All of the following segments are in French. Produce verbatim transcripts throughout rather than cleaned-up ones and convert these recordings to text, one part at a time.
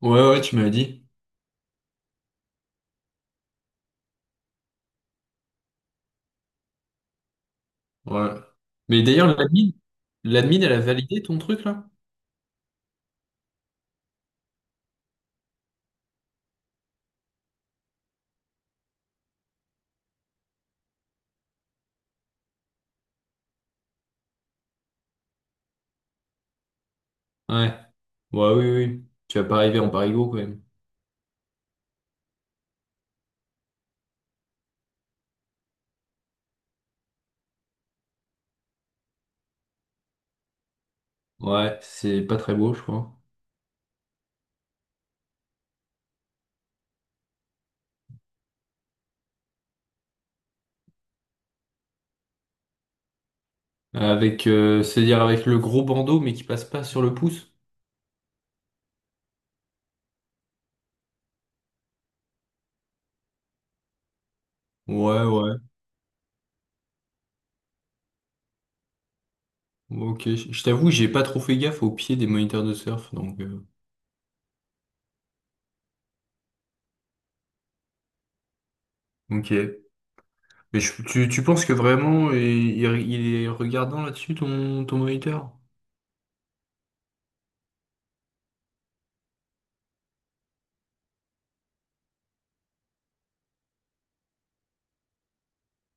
Ouais, ouais, tu m'avais dit. Ouais. Mais d'ailleurs, l'admin, l'admin, elle a validé ton truc, là? Ouais. Ouais, oui, oui. Tu vas pas arriver en parigo, quand même. Ouais, c'est pas très beau, je crois. Avec, euh, c'est-à-dire avec le gros bandeau, mais qui passe pas sur le pouce? Ouais, ouais. Ok. Je je t'avoue, j'ai pas trop fait gaffe au pied des moniteurs de surf, donc... euh, Ok. Mais je- tu, tu penses que vraiment, il, il- il est regardant là-dessus, ton, ton moniteur?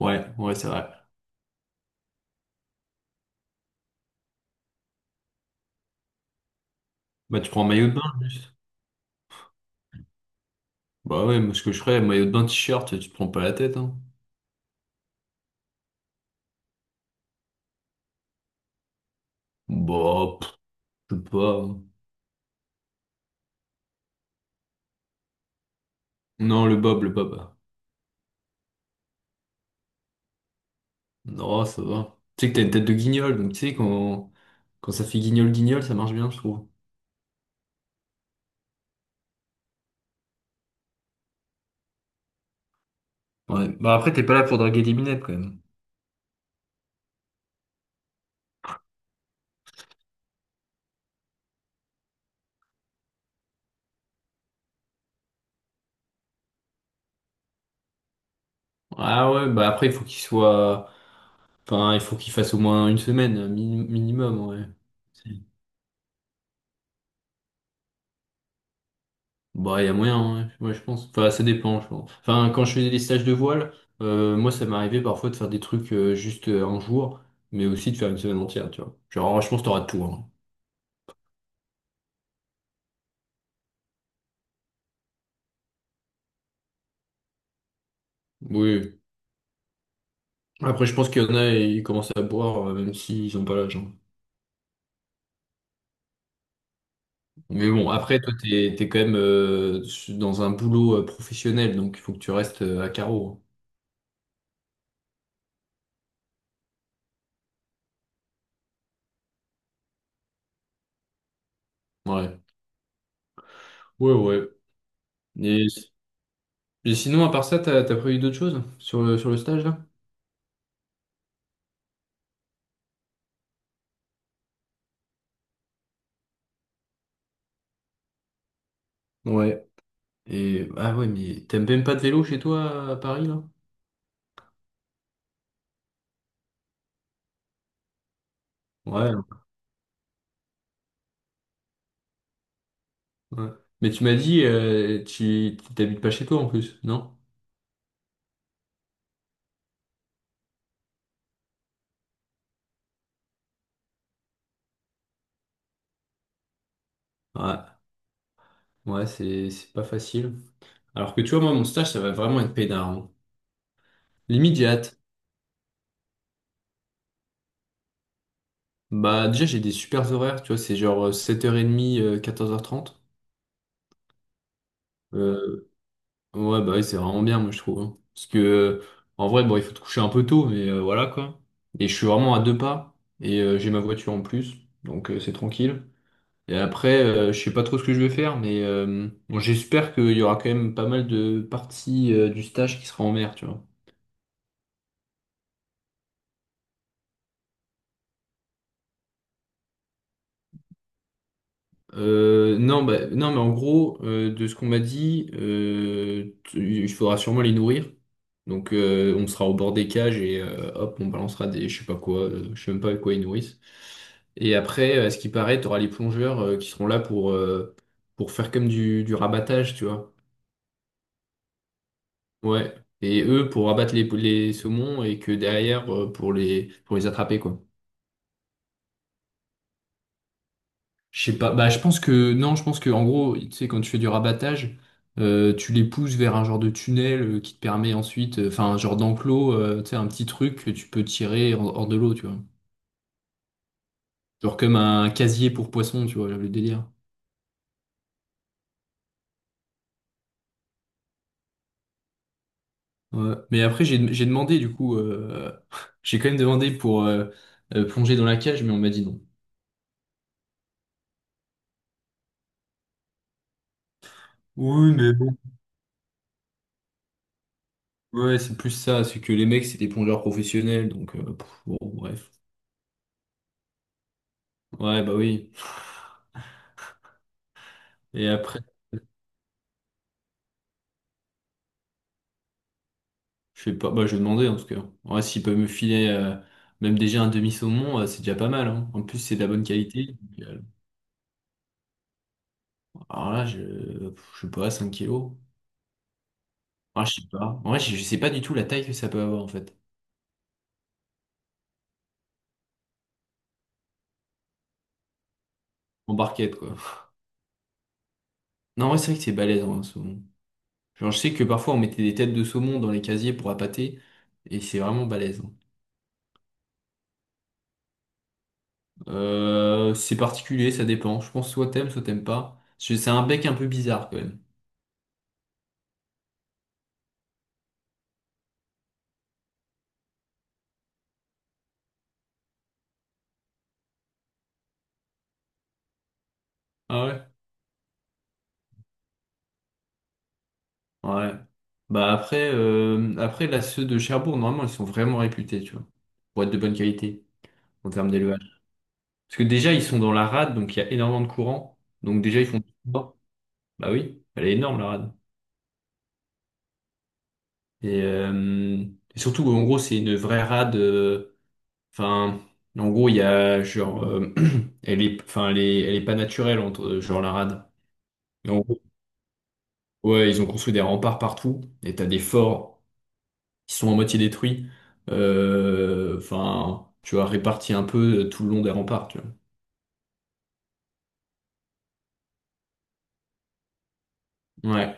Ouais, ouais, c'est vrai. Bah, tu prends un maillot de bain, juste. Bah ouais, moi, ce que je ferais, maillot de bain, t-shirt, tu te prends pas la tête, hein. Bah, pff, je sais pas. Non, le bob, le bob. Non, ça va. Tu sais que t'as une tête de guignol, donc tu sais, quand, quand ça fait guignol-guignol, ça marche bien, je trouve. Ouais. Bah après, t'es pas là pour draguer des minettes quand même. Ah ouais, bah après, il faut qu'il soit... Enfin, il faut qu'il fasse au moins une semaine, un mini- minimum, ouais. Bah, il y a moyen, ouais. Ouais, je pense. Enfin, ça dépend, je pense. Enfin, quand je faisais des stages de voile, euh, moi, ça m'arrivait parfois de faire des trucs euh, juste euh, un jour, mais aussi de faire une semaine entière, tu vois. Genre, je pense que t'auras tout, hein. Oui. Après, je pense qu'il y en a, ils commencent à boire, euh, même s'ils ont pas l'âge. Hein. Mais bon, après, toi, t'es, t'es quand même euh, dans un boulot euh, professionnel, donc il faut que tu restes euh, à carreau. Hein. Ouais. Ouais, ouais. Et, et sinon, à part ça, t'as, t'as prévu d'autres choses sur le, sur le stage, là? Ouais. Et ah ouais, mais t'aimes même pas de vélo chez toi à Paris là? Ouais, ouais. Mais tu m'as dit, euh, tu tu t'habites pas chez toi en plus, non? Ouais, ouais, c'est c'est pas facile. Alors que tu vois, moi, mon stage, ça va vraiment être peinard. Hein. Limite, j'ai hâte. Bah, déjà, j'ai des super horaires, tu vois, c'est genre euh, sept heures trente, euh, quatorze heures trente. Euh, ouais, bah oui, c'est vraiment bien, moi, je trouve. Hein. Parce que, euh, en vrai, bon, il faut te coucher un peu tôt, mais euh, voilà quoi. Et je suis vraiment à deux pas, et euh, j'ai ma voiture en plus, donc euh, c'est tranquille. Et après, euh, je sais pas trop ce que je vais faire, mais euh, bon, j'espère qu'il y aura quand même pas mal de parties euh, du stage qui sera en mer, tu vois. Euh, non, bah, non, mais en gros, euh, de ce qu'on m'a dit, euh, tu- il faudra sûrement les nourrir. Donc, euh, on sera au bord des cages et euh, hop, on balancera des, je sais pas quoi, euh, je sais même pas avec quoi ils nourrissent. Et après, à ce qui paraît, tu auras les plongeurs euh, qui seront là pour, euh, pour faire comme du, du rabattage, tu vois. Ouais. Et eux pour abattre les, les saumons et que derrière euh, pour les pour les attraper quoi. Je sais pas. Bah je pense que non, je pense que en gros, tu sais quand tu fais du rabattage, euh, tu les pousses vers un genre de tunnel euh, qui te permet ensuite, euh, enfin un genre d'enclos, euh, tu sais un petit truc que tu peux tirer hors, hors de l'eau, tu vois. Genre comme un casier pour poissons, tu vois, le délire. Ouais. Mais après j'ai j'ai demandé du coup, euh, j'ai quand même demandé pour euh, euh, plonger dans la cage, mais on m'a dit non. Oui, mais ouais, c'est plus ça, c'est que les mecs, c'est des plongeurs professionnels, donc euh, pff, bon, bref. Ouais, bah oui. Et après, je sais pas, bah je vais demander en tout cas. Ouais, s'ils peuvent me filer euh, même déjà un demi-saumon, euh, c'est déjà pas mal, hein. En plus, c'est de la bonne qualité. Donc, euh, alors là, je, pff, je sais pas, cinq kilos. Ah, je sais pas. En vrai, je je sais pas du tout la taille que ça peut avoir en fait. En barquette, quoi. Non, ouais, c'est vrai que c'est balèze, hein, un saumon. Genre, je sais que parfois, on mettait des têtes de saumon dans les casiers pour appâter, et c'est vraiment balèze. Hein. Euh, c'est particulier, ça dépend. Je pense soit t'aimes, soit t'aimes pas. C'est c'est un bec un peu bizarre quand même. Ah ouais? Ouais. Bah après, euh, après là, ceux de Cherbourg, normalement, ils sont vraiment réputés, tu vois. Pour être de bonne qualité en termes d'élevage. Parce que déjà, ils sont dans la rade, donc il y a énormément de courant. Donc déjà, ils font du sport. Bah oui, elle est énorme la rade. Et, euh, et surtout, en gros, c'est une vraie rade. euh, Enfin, en gros, il y a genre, euh, elle est, enfin, elle est, elle est pas naturelle entre genre la rade. Ouais, ils ont construit des remparts partout, et t'as des forts qui sont à moitié détruits, euh, enfin, tu vois, répartis un peu euh, tout le long des remparts, tu vois. Ouais.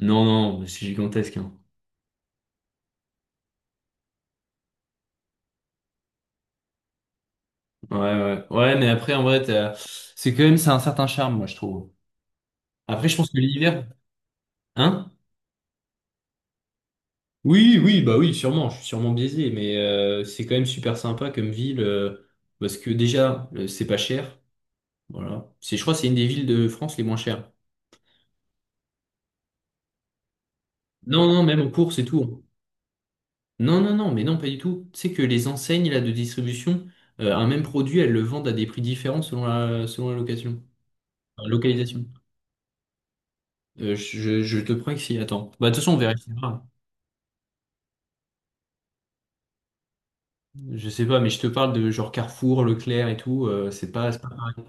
Non, non, c'est gigantesque, hein. Ouais, ouais. Ouais, mais après, en vrai, t'as- c'est quand même, c'est un certain charme, moi, je trouve. Après, je pense que l'hiver, hein? Oui, oui, bah oui, sûrement, je suis sûrement biaisé, mais euh, c'est quand même super sympa comme ville, euh, parce que déjà, euh, c'est pas cher, voilà. C'est, je crois, que c'est une des villes de France les moins chères. Non, non, même en course et tout. Hein. Non, non, non, mais non, pas du tout. Tu sais que les enseignes là, de distribution, euh, un même produit, elles le vendent à des prix différents selon la, selon la location, la localisation. Euh, je, je te prends que si, attends. Bah, de toute façon, on vérifiera. Je sais pas, mais je te parle de genre Carrefour, Leclerc et tout. euh, c'est pas, c'est pas pareil.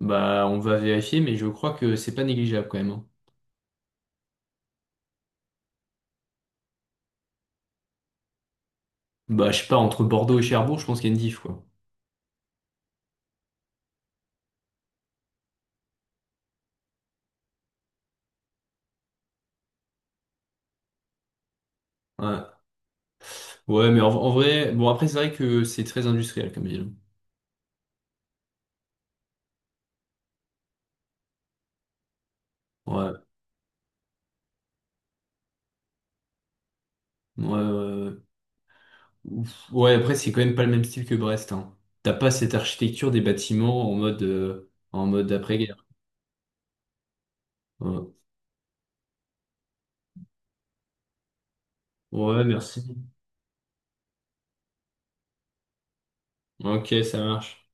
Bah, on va vérifier, mais je crois que c'est pas négligeable quand même. Hein. Bah, je sais pas, entre Bordeaux et Cherbourg, je pense qu'il y a une diff, quoi. Ouais, ouais mais en, en vrai, bon, après, c'est vrai que c'est très industriel comme ville. Ouais, ouais, ouais, ouais. Ouf. Ouais, après, c'est quand même pas le même style que Brest, hein. T'as pas cette architecture des bâtiments en mode, euh, en mode après-guerre. Ouais. Ouais, merci. Ok, ça marche.